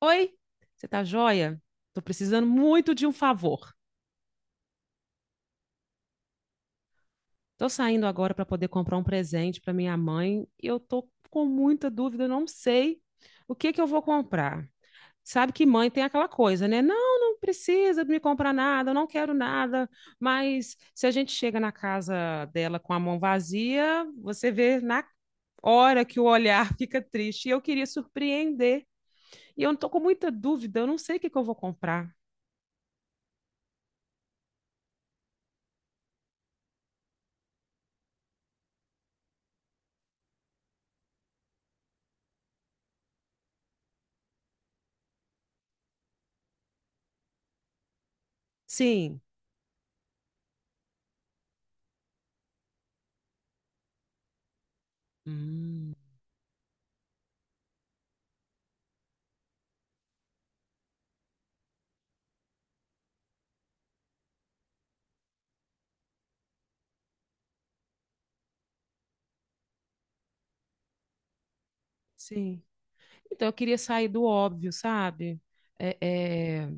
Oi, você tá joia? Tô precisando muito de um favor. Tô saindo agora para poder comprar um presente para minha mãe e eu tô com muita dúvida, eu não sei o que que eu vou comprar. Sabe que mãe tem aquela coisa, né? Não, não precisa me comprar nada, eu não quero nada, mas se a gente chega na casa dela com a mão vazia, você vê na hora que o olhar fica triste. E eu queria surpreender. E eu tô com muita dúvida, eu não sei o que que eu vou comprar. Sim. Hum. Sim. Então, eu queria sair do óbvio, sabe? É, é,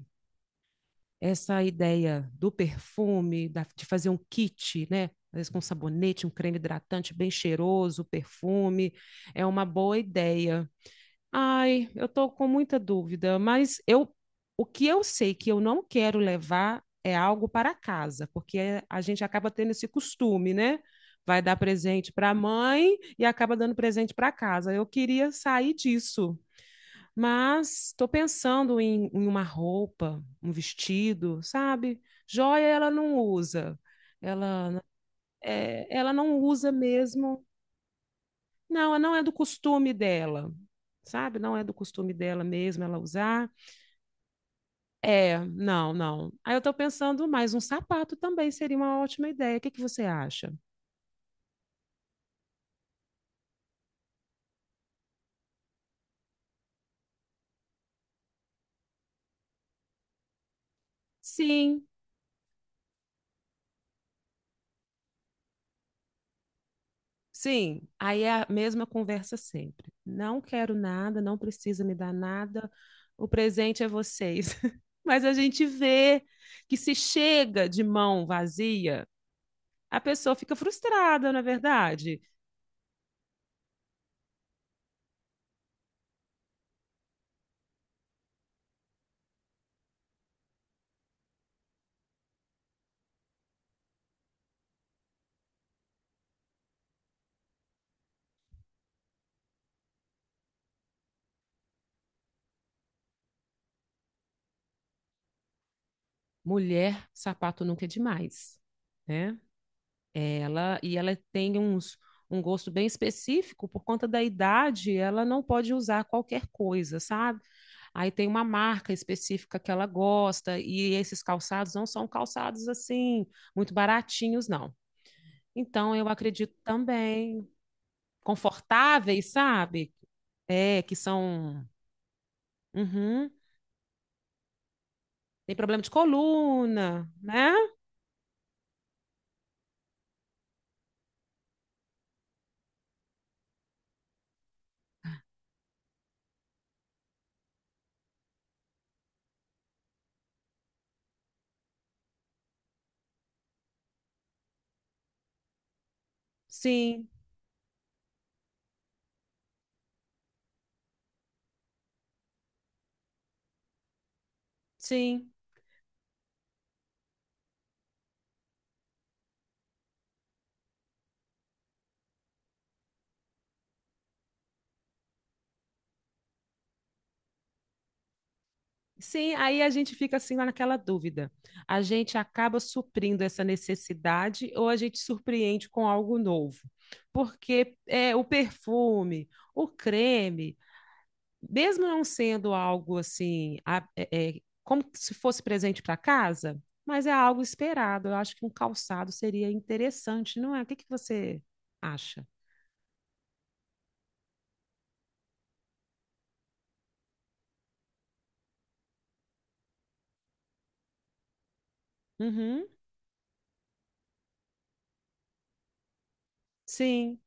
essa ideia do perfume, de fazer um kit, né? Às vezes com um sabonete, um creme hidratante bem cheiroso, perfume, é uma boa ideia. Ai, eu tô com muita dúvida, mas eu, o que eu sei que eu não quero levar é algo para casa, porque a gente acaba tendo esse costume, né? Vai dar presente para a mãe e acaba dando presente para casa. Eu queria sair disso. Mas estou pensando em uma roupa, um vestido, sabe? Joia ela não usa. Ela, é, ela não usa mesmo. Não, não é do costume dela, sabe? Não é do costume dela mesmo ela usar. É, não, não. Aí eu estou pensando, mas um sapato também seria uma ótima ideia. O que que você acha? Sim. Sim, aí é a mesma conversa sempre. Não quero nada, não precisa me dar nada, o presente é vocês. Mas a gente vê que se chega de mão vazia, a pessoa fica frustrada, na verdade? Mulher, sapato nunca é demais, né? E ela tem uns, um gosto bem específico, por conta da idade, ela não pode usar qualquer coisa, sabe? Aí tem uma marca específica que ela gosta, e esses calçados não são calçados assim, muito baratinhos, não. Então, eu acredito também, confortáveis, sabe? É, que são. Uhum. Tem problema de coluna, né? Sim, sim. Sim, aí a gente fica assim lá naquela dúvida. A gente acaba suprindo essa necessidade ou a gente surpreende com algo novo? Porque é, o perfume, o creme, mesmo não sendo algo assim, é, como se fosse presente para casa, mas é algo esperado. Eu acho que um calçado seria interessante, não é? O que que você acha? Uhum, sim,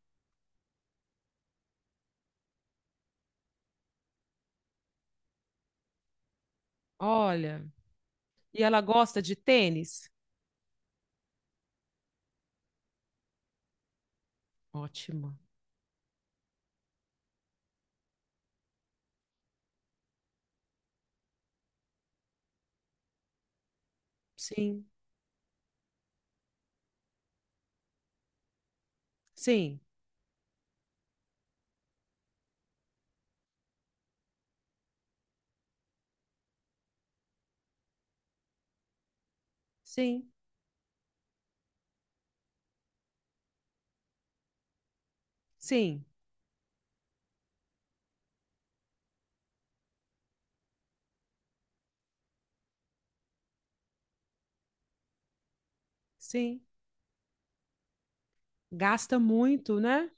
olha. E ela gosta de tênis? Ótimo. Sim, sim, sim, sim, sim. Gasta muito, né?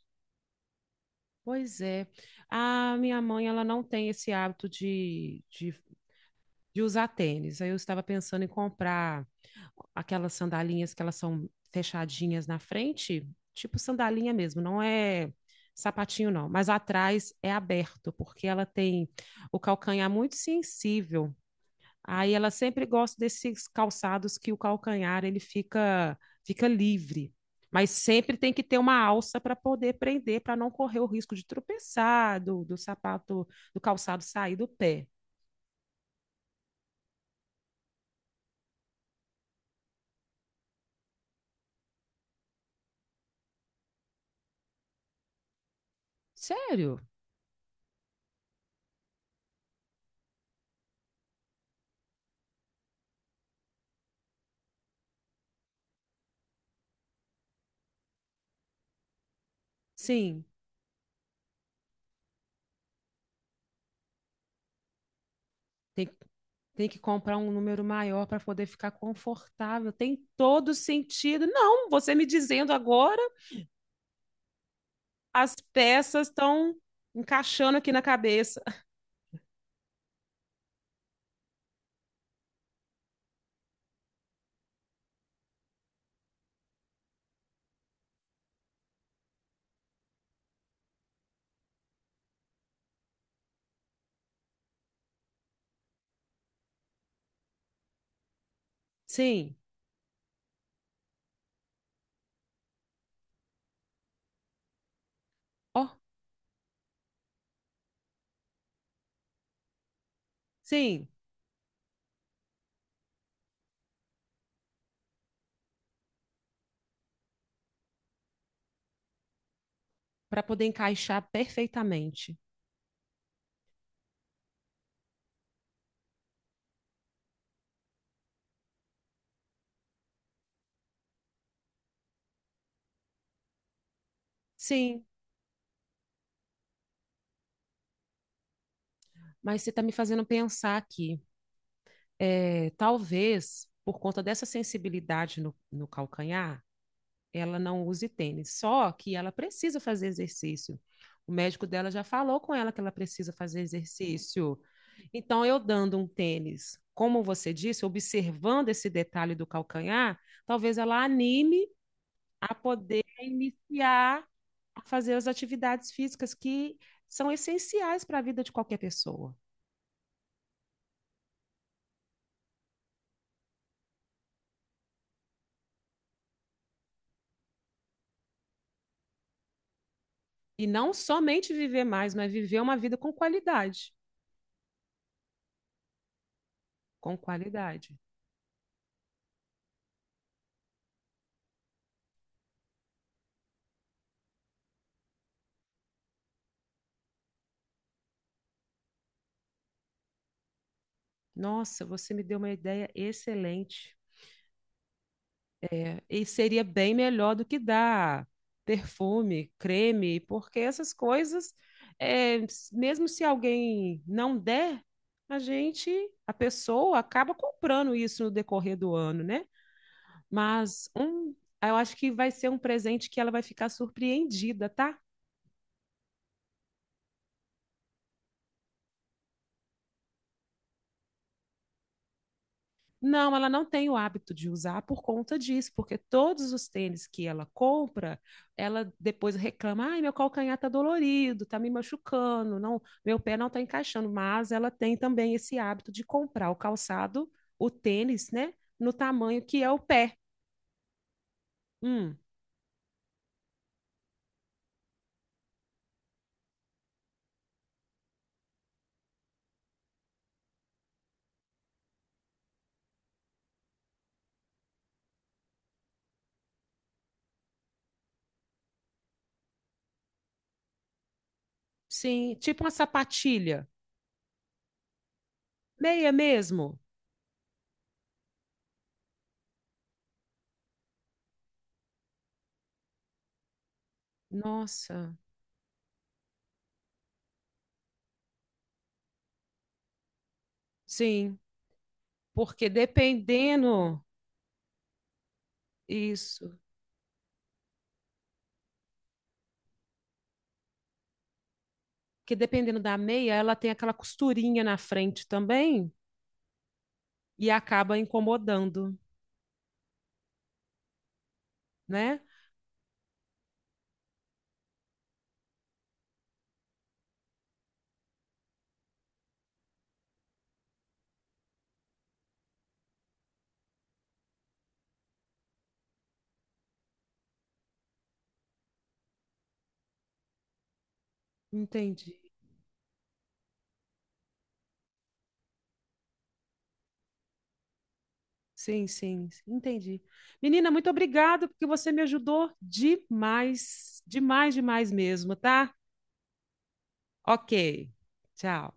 Pois é. A minha mãe, ela não tem esse hábito de usar tênis. Aí eu estava pensando em comprar aquelas sandalinhas que elas são fechadinhas na frente, tipo sandalinha mesmo, não é sapatinho não, mas atrás é aberto, porque ela tem o calcanhar muito sensível. Aí ela sempre gosta desses calçados que o calcanhar ele fica livre, mas sempre tem que ter uma alça para poder prender, para não correr o risco de tropeçar, do sapato, do calçado sair do pé. Sério? Sim. Tem, tem que comprar um número maior para poder ficar confortável. Tem todo sentido. Não, você me dizendo agora, as peças estão encaixando aqui na cabeça. Sim, ó, sim, para poder encaixar perfeitamente. Sim, mas você está me fazendo pensar aqui. É, talvez por conta dessa sensibilidade no calcanhar, ela não use tênis. Só que ela precisa fazer exercício. O médico dela já falou com ela que ela precisa fazer exercício. Então, eu dando um tênis, como você disse, observando esse detalhe do calcanhar, talvez ela anime a poder iniciar a fazer as atividades físicas que são essenciais para a vida de qualquer pessoa. E não somente viver mais, mas viver uma vida com qualidade. Com qualidade. Nossa, você me deu uma ideia excelente. É, e seria bem melhor do que dar perfume, creme, porque essas coisas, mesmo se alguém não der, a gente, a pessoa acaba comprando isso no decorrer do ano, né? Mas um, eu acho que vai ser um presente que ela vai ficar surpreendida, tá? Não, ela não tem o hábito de usar por conta disso, porque todos os tênis que ela compra, ela depois reclama: "Ai, meu calcanhar tá dolorido, tá me machucando, não, meu pé não tá encaixando". Mas ela tem também esse hábito de comprar o calçado, o tênis, né, no tamanho que é o pé. Hum, sim, tipo uma sapatilha, meia mesmo. Nossa, sim, porque dependendo isso, que dependendo da meia, ela tem aquela costurinha na frente também. E acaba incomodando, né? Entendi. Sim, sim, entendi. Menina, muito obrigado porque você me ajudou demais, demais, demais mesmo, tá? Ok. Tchau.